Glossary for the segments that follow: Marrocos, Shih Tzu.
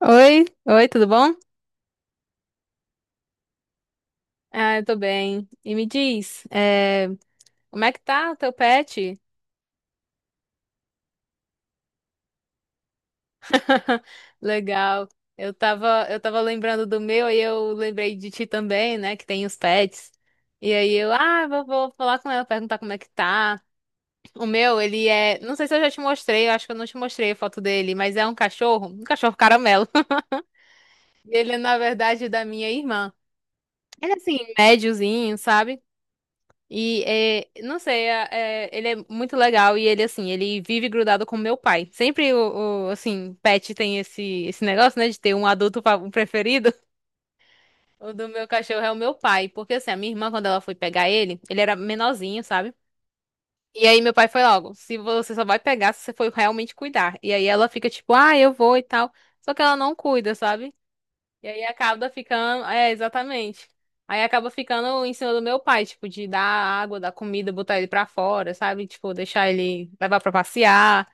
Oi, oi, tudo bom? Ah, eu tô bem. E me diz, como é que tá o teu pet? Legal. Eu tava lembrando do meu e eu lembrei de ti também, né? Que tem os pets. E aí eu vou falar com ela, perguntar como é que tá. O meu, ele é, não sei se eu já te mostrei, eu acho que eu não te mostrei a foto dele, mas é um cachorro caramelo. Ele é, na verdade, é da minha irmã. Ele é assim, médiozinho, sabe? E é, não sei, ele é muito legal e ele assim, ele vive grudado com meu pai. Sempre assim, pet tem esse negócio, né, de ter um adulto um preferido. O do meu cachorro é o meu pai, porque assim, a minha irmã quando ela foi pegar ele, ele era menorzinho, sabe? E aí meu pai foi logo, se você só vai pegar se você for realmente cuidar. E aí ela fica tipo, ah, eu vou e tal. Só que ela não cuida, sabe? E aí acaba ficando. É, exatamente. Aí acaba ficando em cima do meu pai, tipo, de dar água, dar comida, botar ele pra fora, sabe? Tipo, deixar ele levar pra passear.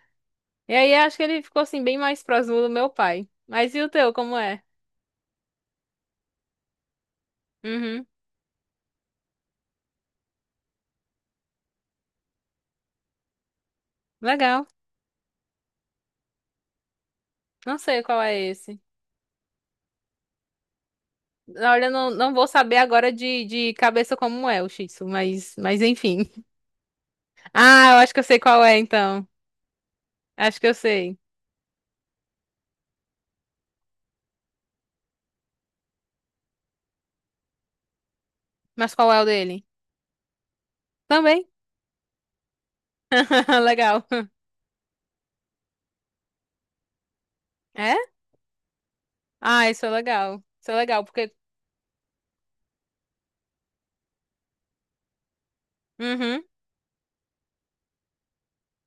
E aí acho que ele ficou assim, bem mais próximo do meu pai. Mas e o teu, como é? Uhum. Legal. Não sei qual é esse. Olha, eu não, não vou saber agora de cabeça como é o Shih Tzu, mas enfim. Ah, eu acho que eu sei qual é, então. Acho que eu sei. Mas qual é o dele? Também. Legal. É? Ah, isso é legal. Isso é legal, porque. Uhum,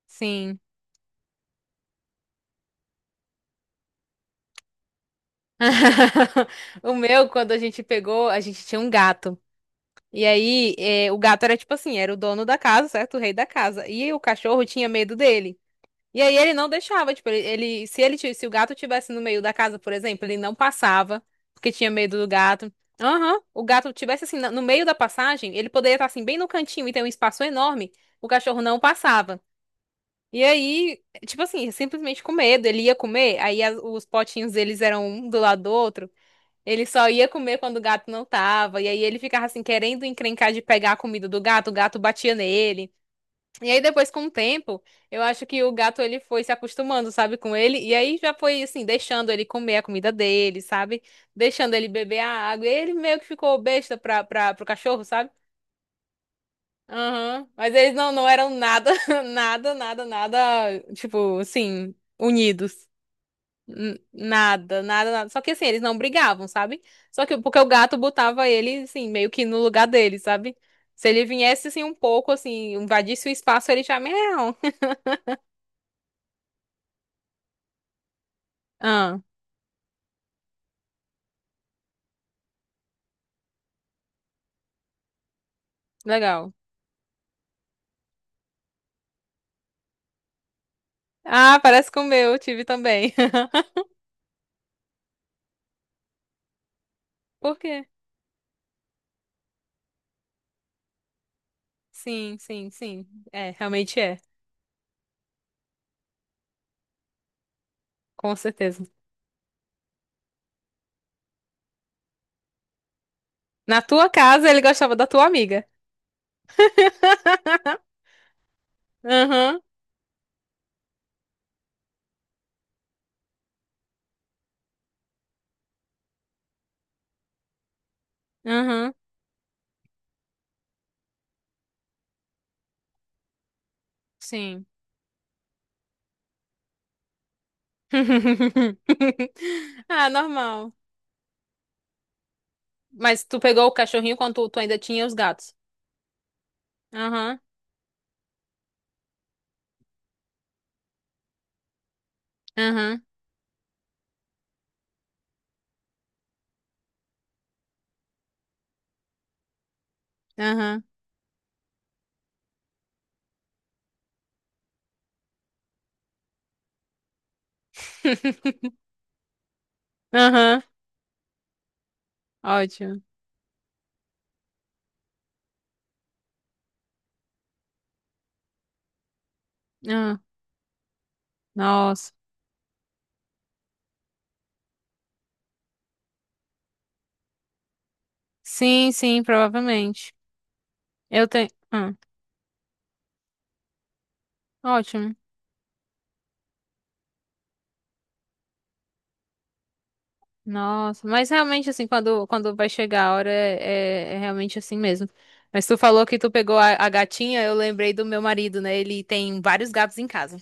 sim. O meu, quando a gente pegou, a gente tinha um gato. E aí, o gato era tipo assim, era o dono da casa, certo? O rei da casa. E o cachorro tinha medo dele. E aí ele não deixava, tipo, se ele, se o gato tivesse no meio da casa, por exemplo, ele não passava, porque tinha medo do gato. Aham, o gato tivesse assim, no meio da passagem, ele poderia estar assim, bem no cantinho e ter um espaço enorme, o cachorro não passava. E aí, tipo assim, simplesmente com medo. Ele ia comer, aí os potinhos deles eram um do lado do outro. Ele só ia comer quando o gato não tava. E aí ele ficava assim, querendo encrencar de pegar a comida do gato, o gato batia nele. E aí depois, com o tempo, eu acho que o gato ele foi se acostumando, sabe, com ele. E aí já foi assim, deixando ele comer a comida dele, sabe? Deixando ele beber a água. E ele meio que ficou besta pro cachorro, sabe? Aham. Mas eles não, não eram nada, nada, nada, nada, tipo, assim, unidos. Nada, nada, nada. Só que assim, eles não brigavam, sabe? Só que porque o gato botava ele, assim, meio que no lugar dele, sabe? Se ele viesse, assim, um pouco, assim, invadisse o espaço, ele já... Miau. Ah, legal. Ah, parece com o meu, eu tive também. Por quê? Sim, sim, sim. É, realmente é. Com certeza. Na tua casa, ele gostava da tua amiga. Aham, aham. Sim. Ah, normal. Mas tu pegou o cachorrinho quando tu ainda tinha os gatos. Aham, aham, aham, aham. Ótimo. Ah, nossa. Sim, sim, provavelmente. Eu tenho. Ah, ótimo. Nossa. Mas realmente, assim, quando vai chegar a hora, é, é realmente assim mesmo. Mas tu falou que tu pegou a gatinha, eu lembrei do meu marido, né? Ele tem vários gatos em casa.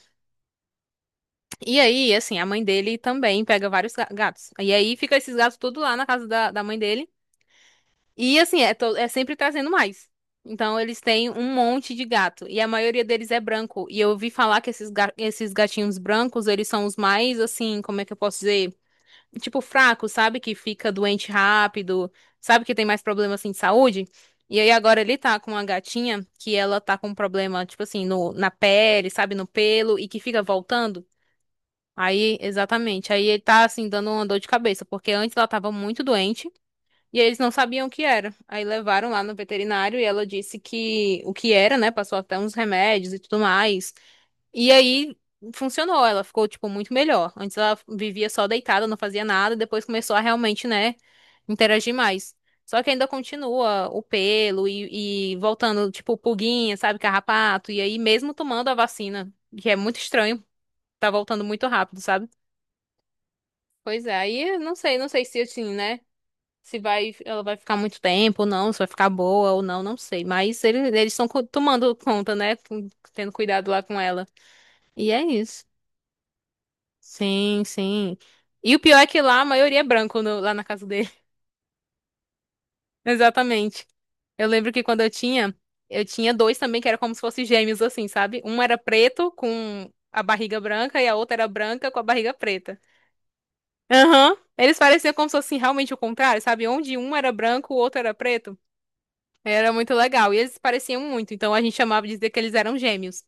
E aí, assim, a mãe dele também pega vários gatos. E aí fica esses gatos tudo lá na casa da mãe dele. E assim, é, é sempre trazendo mais. Então eles têm um monte de gato. E a maioria deles é branco. E eu ouvi falar que esses, esses gatinhos brancos, eles são os mais, assim, como é que eu posso dizer? Tipo, fracos, sabe? Que fica doente rápido, sabe? Que tem mais problema, assim, de saúde. E aí agora ele tá com uma gatinha que ela tá com um problema, tipo assim, na pele, sabe? No pelo, e que fica voltando. Aí, exatamente. Aí ele tá assim dando uma dor de cabeça, porque antes ela tava muito doente e eles não sabiam o que era. Aí levaram lá no veterinário e ela disse que o que era, né? Passou até uns remédios e tudo mais. E aí funcionou, ela ficou tipo muito melhor. Antes ela vivia só deitada, não fazia nada, depois começou a realmente, né, interagir mais. Só que ainda continua o pelo e voltando, tipo, pulguinha, sabe, carrapato. E aí, mesmo tomando a vacina, que é muito estranho, tá voltando muito rápido, sabe? Pois é, aí eu não sei, não sei se assim, né? Se vai, ela vai ficar muito tempo ou não, se vai ficar boa ou não, não sei. Mas eles estão tomando conta, né? Tendo cuidado lá com ela. E é isso. Sim, sim. E o pior é que lá a maioria é branco lá na casa dele. Exatamente. Eu lembro que quando eu tinha dois também que era como se fossem gêmeos, assim, sabe? Um era preto com a barriga branca e a outra era branca com a barriga preta. Aham. Eles pareciam como se fosse assim, realmente o contrário, sabe? Onde um era branco, o outro era preto. Era muito legal. E eles se pareciam muito, então a gente chamava de dizer que eles eram gêmeos.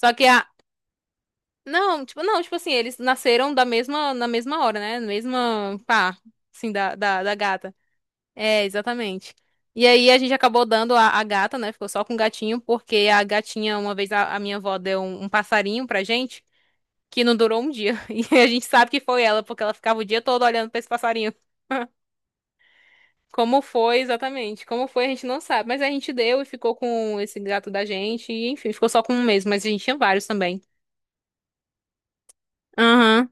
Só que a. Não, tipo, não, tipo assim, eles nasceram da mesma, na mesma hora, né? Na mesma pá, assim, da gata. É, exatamente. E aí a gente acabou dando a gata, né? Ficou só com o gatinho, porque a gatinha, uma vez a minha avó deu um, um passarinho pra gente, que não durou um dia. E a gente sabe que foi ela, porque ela ficava o dia todo olhando pra esse passarinho. Como foi exatamente? Como foi, a gente não sabe. Mas a gente deu e ficou com esse gato da gente. E, enfim, ficou só com um mesmo, mas a gente tinha vários também. Aham.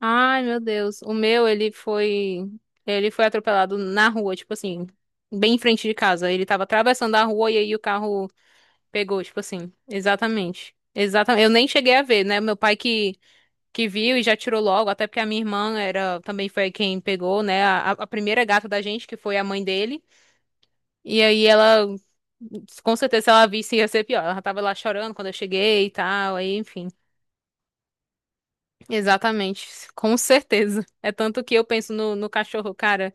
Ai, meu Deus. O meu, ele foi. Ele foi atropelado na rua, tipo assim, bem em frente de casa. Ele tava atravessando a rua e aí o carro pegou, tipo assim. Exatamente. Exatamente. Eu nem cheguei a ver, né? Meu pai que viu e já tirou logo, até porque a minha irmã era também foi quem pegou, né? A primeira gata da gente, que foi a mãe dele. E aí ela, com certeza, se ela visse, ia ser pior. Ela já tava lá chorando quando eu cheguei e tal, aí, enfim. Exatamente, com certeza. É tanto que eu penso no, no cachorro, cara.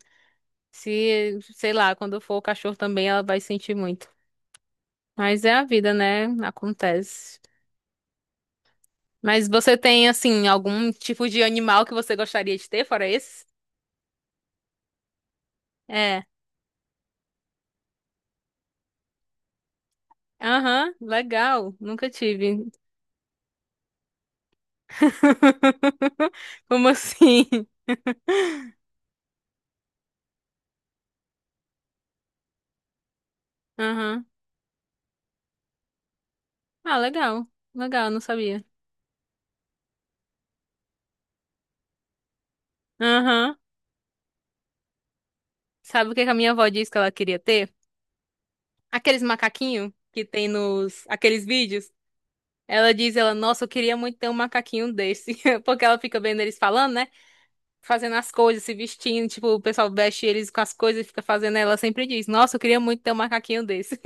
Se, sei lá, quando for o cachorro também, ela vai sentir muito. Mas é a vida, né? Acontece. Mas você tem, assim, algum tipo de animal que você gostaria de ter, fora esse? É. Aham, legal. Nunca tive. Como assim? Aham. Ah, legal. Legal, não sabia. Aham. Sabe o que que a minha avó disse que ela queria ter? Aqueles macaquinhos que tem nos aqueles vídeos. Ela diz, ela, nossa, eu queria muito ter um macaquinho desse. Porque ela fica vendo eles falando, né? Fazendo as coisas, se vestindo. Tipo, o pessoal veste eles com as coisas e fica fazendo. Ela sempre diz, nossa, eu queria muito ter um macaquinho desse.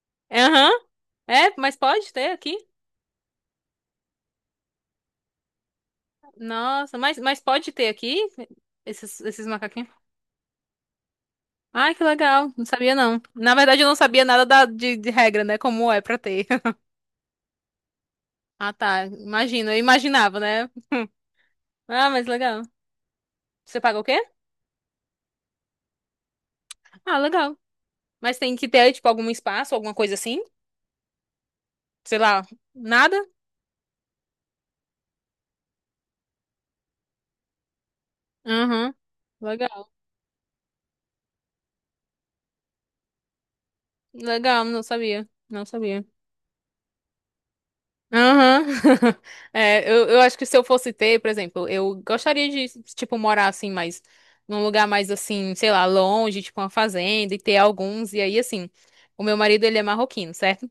Aham. É, mas pode ter aqui? Nossa, mas pode ter aqui esses, esses macaquinhos? Ai, que legal. Não sabia, não. Na verdade, eu não sabia nada de regra, né? Como é pra ter. Ah, tá. Imagino, eu imaginava, né? Ah, mas legal. Você paga o quê? Ah, legal. Mas tem que ter, tipo, algum espaço, alguma coisa assim? Sei lá, nada? Aham. Legal. Legal, não sabia. Não sabia. Aham. É, eu acho que se eu fosse ter, por exemplo, eu gostaria de, tipo, morar assim, mas num lugar mais assim, sei lá, longe, tipo uma fazenda, e ter alguns, e aí assim. O meu marido, ele é marroquino, certo?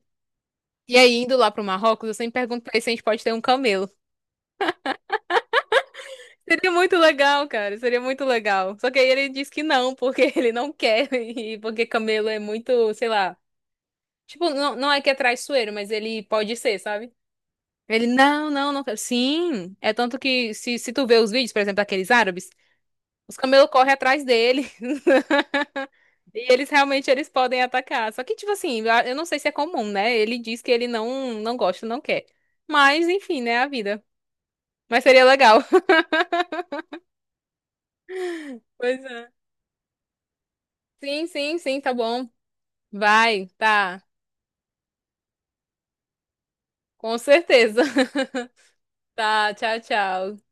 E aí, indo lá pro Marrocos, eu sempre pergunto pra ele se a gente pode ter um camelo. Seria muito legal, cara. Seria muito legal. Só que aí ele diz que não, porque ele não quer. E porque camelo é muito, sei lá. Tipo, não, não é que é traiçoeiro, mas ele pode ser, sabe? Ele, não, não, não quero. Sim. É tanto que se tu vê os vídeos, por exemplo, daqueles árabes, os camelos correm atrás dele. Eles realmente eles podem atacar. Só que, tipo assim, eu não sei se é comum, né? Ele diz que ele não, não gosta, não quer. Mas, enfim, né? A vida. Mas seria legal. Pois é. Sim, sim, sim, tá bom. Vai, tá. Com certeza. Tá, tchau, tchau.